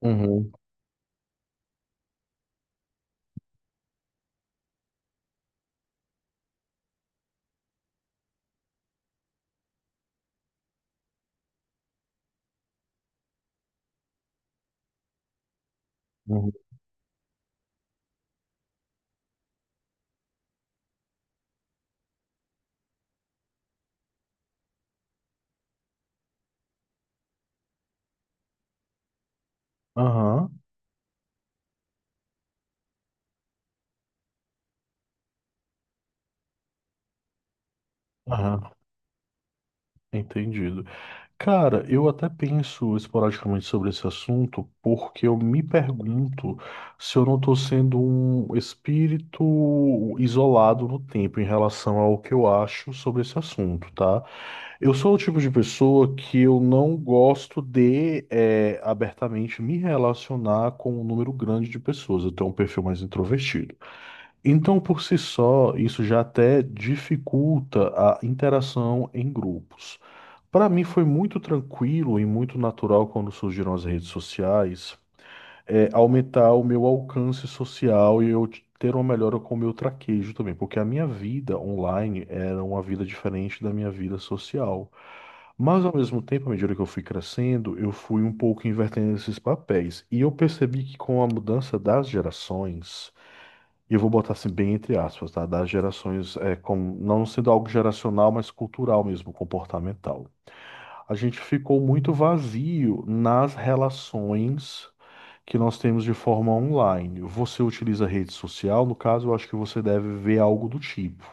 Uhum, uhum. Aham, aham, entendido. Cara, eu até penso esporadicamente sobre esse assunto porque eu me pergunto se eu não estou sendo um espírito isolado no tempo em relação ao que eu acho sobre esse assunto, tá? Eu sou o tipo de pessoa que eu não gosto de abertamente me relacionar com um número grande de pessoas. Eu tenho um perfil mais introvertido. Então, por si só, isso já até dificulta a interação em grupos. Para mim, foi muito tranquilo e muito natural quando surgiram as redes sociais, aumentar o meu alcance social e eu ter uma melhora com o meu traquejo também, porque a minha vida online era uma vida diferente da minha vida social. Mas, ao mesmo tempo, à medida que eu fui crescendo, eu fui um pouco invertendo esses papéis. E eu percebi que com a mudança das gerações, e eu vou botar assim bem entre aspas, tá? Das gerações, não sendo algo geracional, mas cultural mesmo, comportamental. A gente ficou muito vazio nas relações que nós temos de forma online. Você utiliza rede social, no caso, eu acho que você deve ver algo do tipo.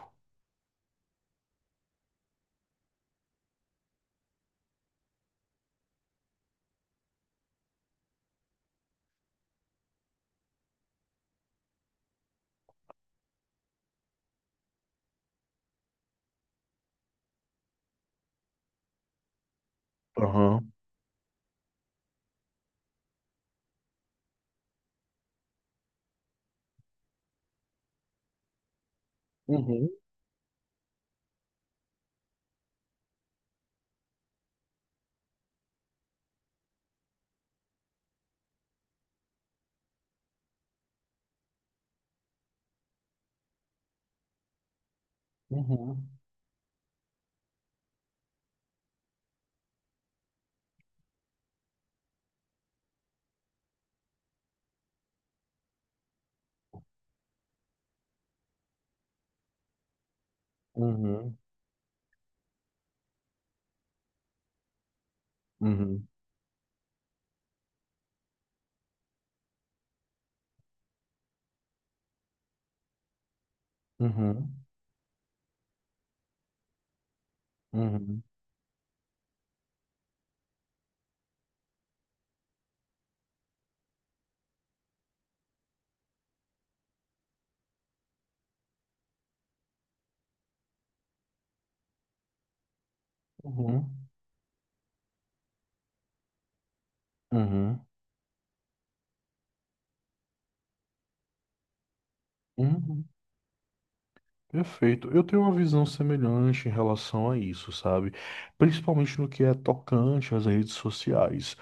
Aham. Uhum, uhum, uhum, uhum, uhum, uhum, uhum, uhum, uhum, uhum. Perfeito. Eu tenho uma visão semelhante em relação a isso, sabe? Principalmente no que é tocante às redes sociais.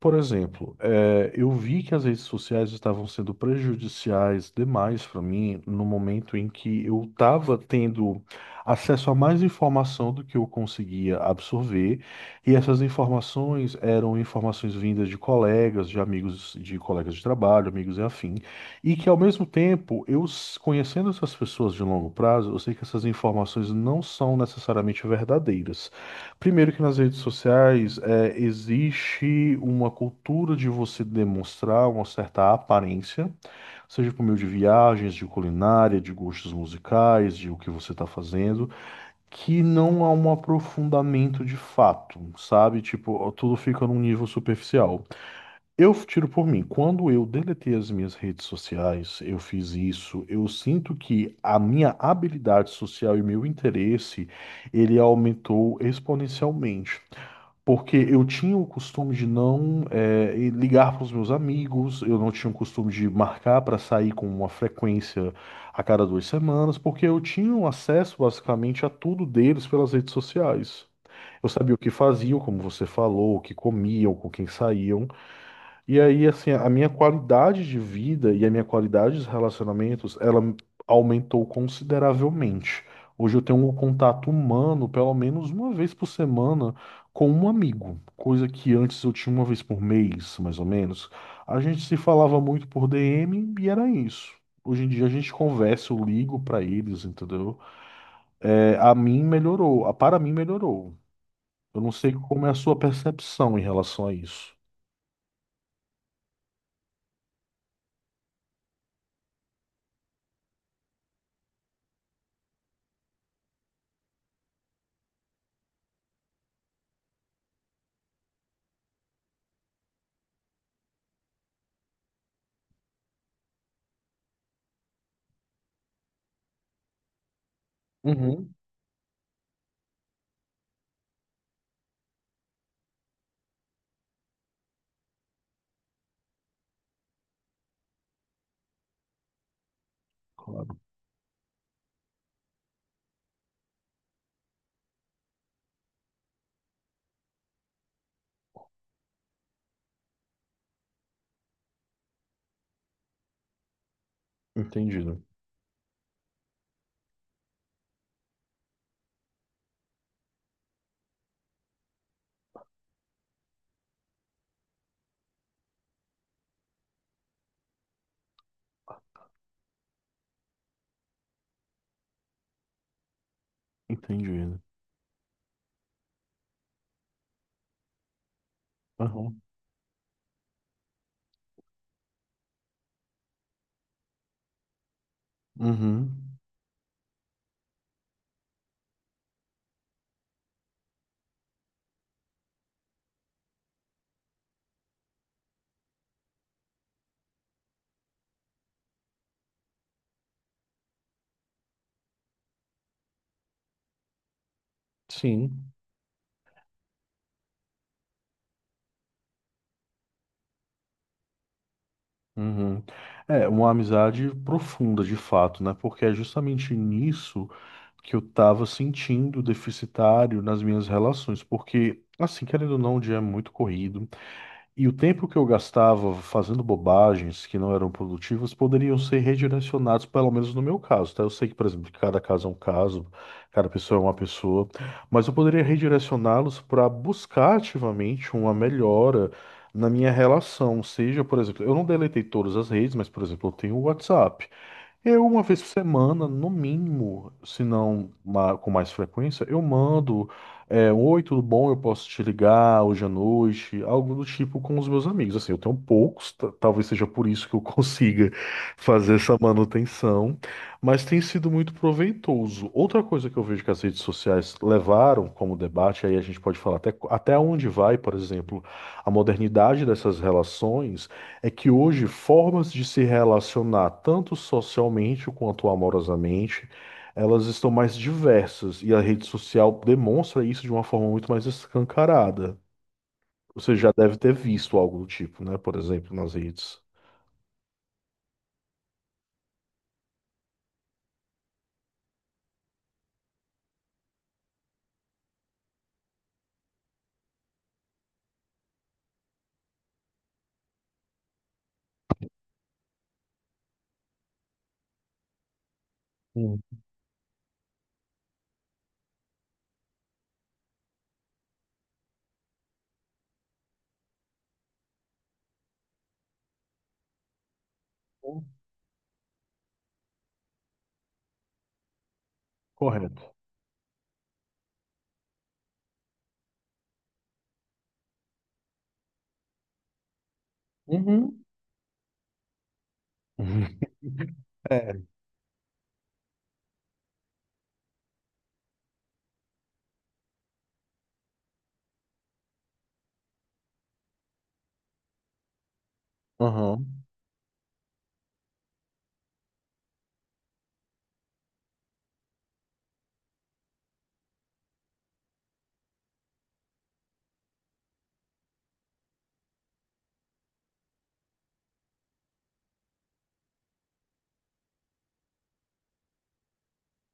Por exemplo, eu vi que as redes sociais estavam sendo prejudiciais demais para mim no momento em que eu estava tendo acesso a mais informação do que eu conseguia absorver, e essas informações eram informações vindas de colegas, de amigos, de colegas de trabalho, amigos e afim, e que ao mesmo tempo, conhecendo essas pessoas de longo prazo, eu sei que essas informações não são necessariamente verdadeiras. Primeiro que nas redes sociais existe uma cultura de você demonstrar uma certa aparência, seja por meio de viagens, de culinária, de gostos musicais, de o que você está fazendo, que não há um aprofundamento de fato, sabe? Tipo, tudo fica num nível superficial. Eu tiro por mim, quando eu deletei as minhas redes sociais, eu fiz isso, eu sinto que a minha habilidade social e meu interesse, ele aumentou exponencialmente. Porque eu tinha o costume de não ligar para os meus amigos, eu não tinha o costume de marcar para sair com uma frequência a cada 2 semanas, porque eu tinha um acesso basicamente a tudo deles pelas redes sociais. Eu sabia o que faziam, como você falou, o que comiam, com quem saíam. E aí, assim, a minha qualidade de vida e a minha qualidade de relacionamentos, ela aumentou consideravelmente. Hoje eu tenho um contato humano, pelo menos uma vez por semana, com um amigo, coisa que antes eu tinha uma vez por mês, mais ou menos. A gente se falava muito por DM e era isso. Hoje em dia a gente conversa, eu ligo pra eles, entendeu? É, a mim melhorou, a para mim melhorou. Eu não sei como é a sua percepção em relação a isso. Uhum. Claro. Entendido. Entendido. Aham. Uhum. Sim. Uhum. É uma amizade profunda, de fato, né? Porque é justamente nisso que eu tava sentindo deficitário nas minhas relações. Porque, assim, querendo ou não, o dia é muito corrido. E o tempo que eu gastava fazendo bobagens que não eram produtivas poderiam ser redirecionados, pelo menos no meu caso, tá? Eu sei que, por exemplo, que cada caso é um caso, cada pessoa é uma pessoa, mas eu poderia redirecioná-los para buscar ativamente uma melhora na minha relação. Seja, por exemplo, eu não deletei todas as redes, mas, por exemplo, eu tenho o WhatsApp. Eu, uma vez por semana, no mínimo, se não com mais frequência, eu mando, um oi, tudo bom? Eu posso te ligar hoje à noite, algo do tipo com os meus amigos. Assim, eu tenho poucos, talvez seja por isso que eu consiga fazer essa manutenção, mas tem sido muito proveitoso. Outra coisa que eu vejo que as redes sociais levaram como debate, aí a gente pode falar até, até onde vai, por exemplo, a modernidade dessas relações. É que hoje formas de se relacionar tanto socialmente quanto amorosamente, elas estão mais diversas e a rede social demonstra isso de uma forma muito mais escancarada. Você já deve ter visto algo do tipo, né? Por exemplo, nas redes. Uhum. Correto. Uhum. É. Uhum.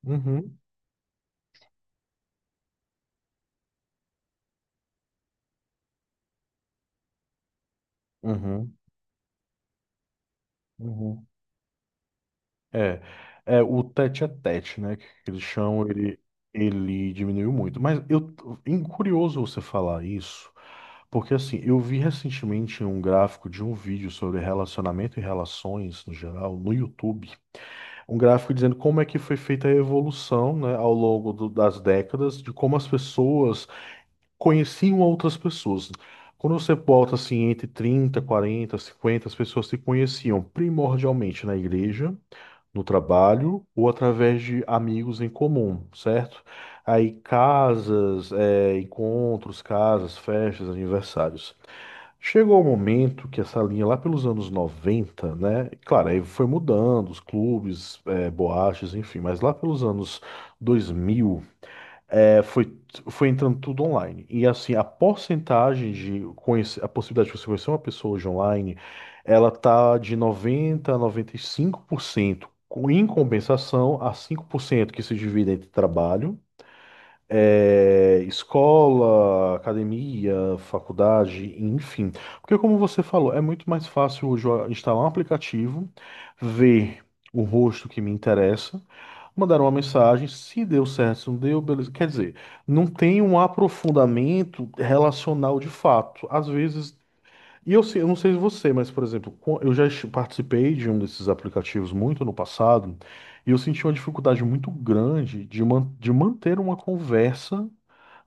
Uhum. Uhum. Uhum. É. É o tete a tete, né? Que eles chamam, ele diminuiu muito. Mas eu, curioso você falar isso. Porque assim, eu vi recentemente um gráfico de um vídeo sobre relacionamento e relações no geral no YouTube. Um gráfico dizendo como é que foi feita a evolução, né, ao longo do- das décadas, de como as pessoas conheciam outras pessoas. Quando você bota assim entre 30, 40, 50 as pessoas se conheciam primordialmente na igreja, no trabalho ou através de amigos em comum, certo? Aí casas, encontros, casas, festas, aniversários. Chegou o momento que essa linha lá pelos anos 90, né? Claro, aí foi mudando, os clubes, boates, enfim, mas lá pelos anos 2000, eh, foi, foi entrando tudo online. E assim, a porcentagem de conhecer, a possibilidade de você conhecer uma pessoa hoje online, ela tá de 90 a 95%, em compensação a 5% que se divide entre trabalho escola, academia, faculdade, enfim. Porque, como você falou, é muito mais fácil hoje eu instalar um aplicativo, ver o rosto que me interessa, mandar uma mensagem, se deu certo, se não deu, beleza. Quer dizer, não tem um aprofundamento relacional de fato. Às vezes. Eu não sei você, mas, por exemplo, eu já participei de um desses aplicativos muito no passado, e eu senti uma dificuldade muito grande de manter uma conversa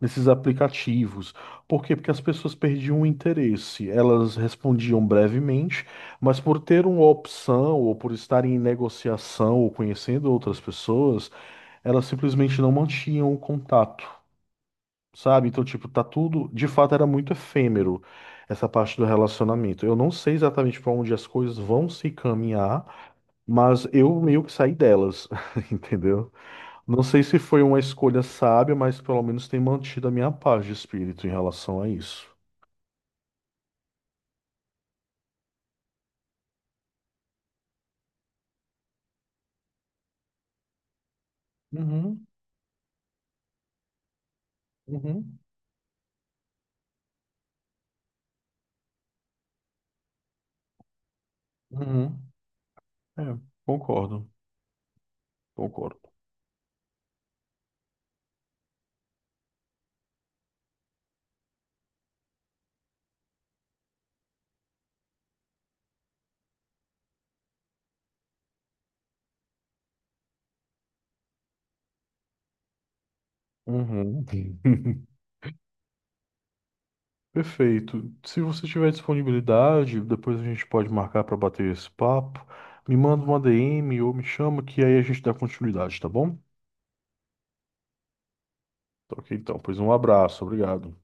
nesses aplicativos. Por quê? Porque as pessoas perdiam o interesse. Elas respondiam brevemente, mas por ter uma opção ou por estarem em negociação ou conhecendo outras pessoas, elas simplesmente não mantinham o contato, sabe? Então, tipo, tá tudo, de fato, era muito efêmero essa parte do relacionamento. Eu não sei exatamente para onde as coisas vão se caminhar, mas eu meio que saí delas, entendeu? Não sei se foi uma escolha sábia, mas pelo menos tem mantido a minha paz de espírito em relação a isso. Uhum, uhum, uhum. É, concordo, concordo. Uhum. Perfeito. Se você tiver disponibilidade, depois a gente pode marcar para bater esse papo. Me manda uma DM ou me chama que aí a gente dá continuidade, tá bom? Tá, ok, então, pois um abraço, obrigado.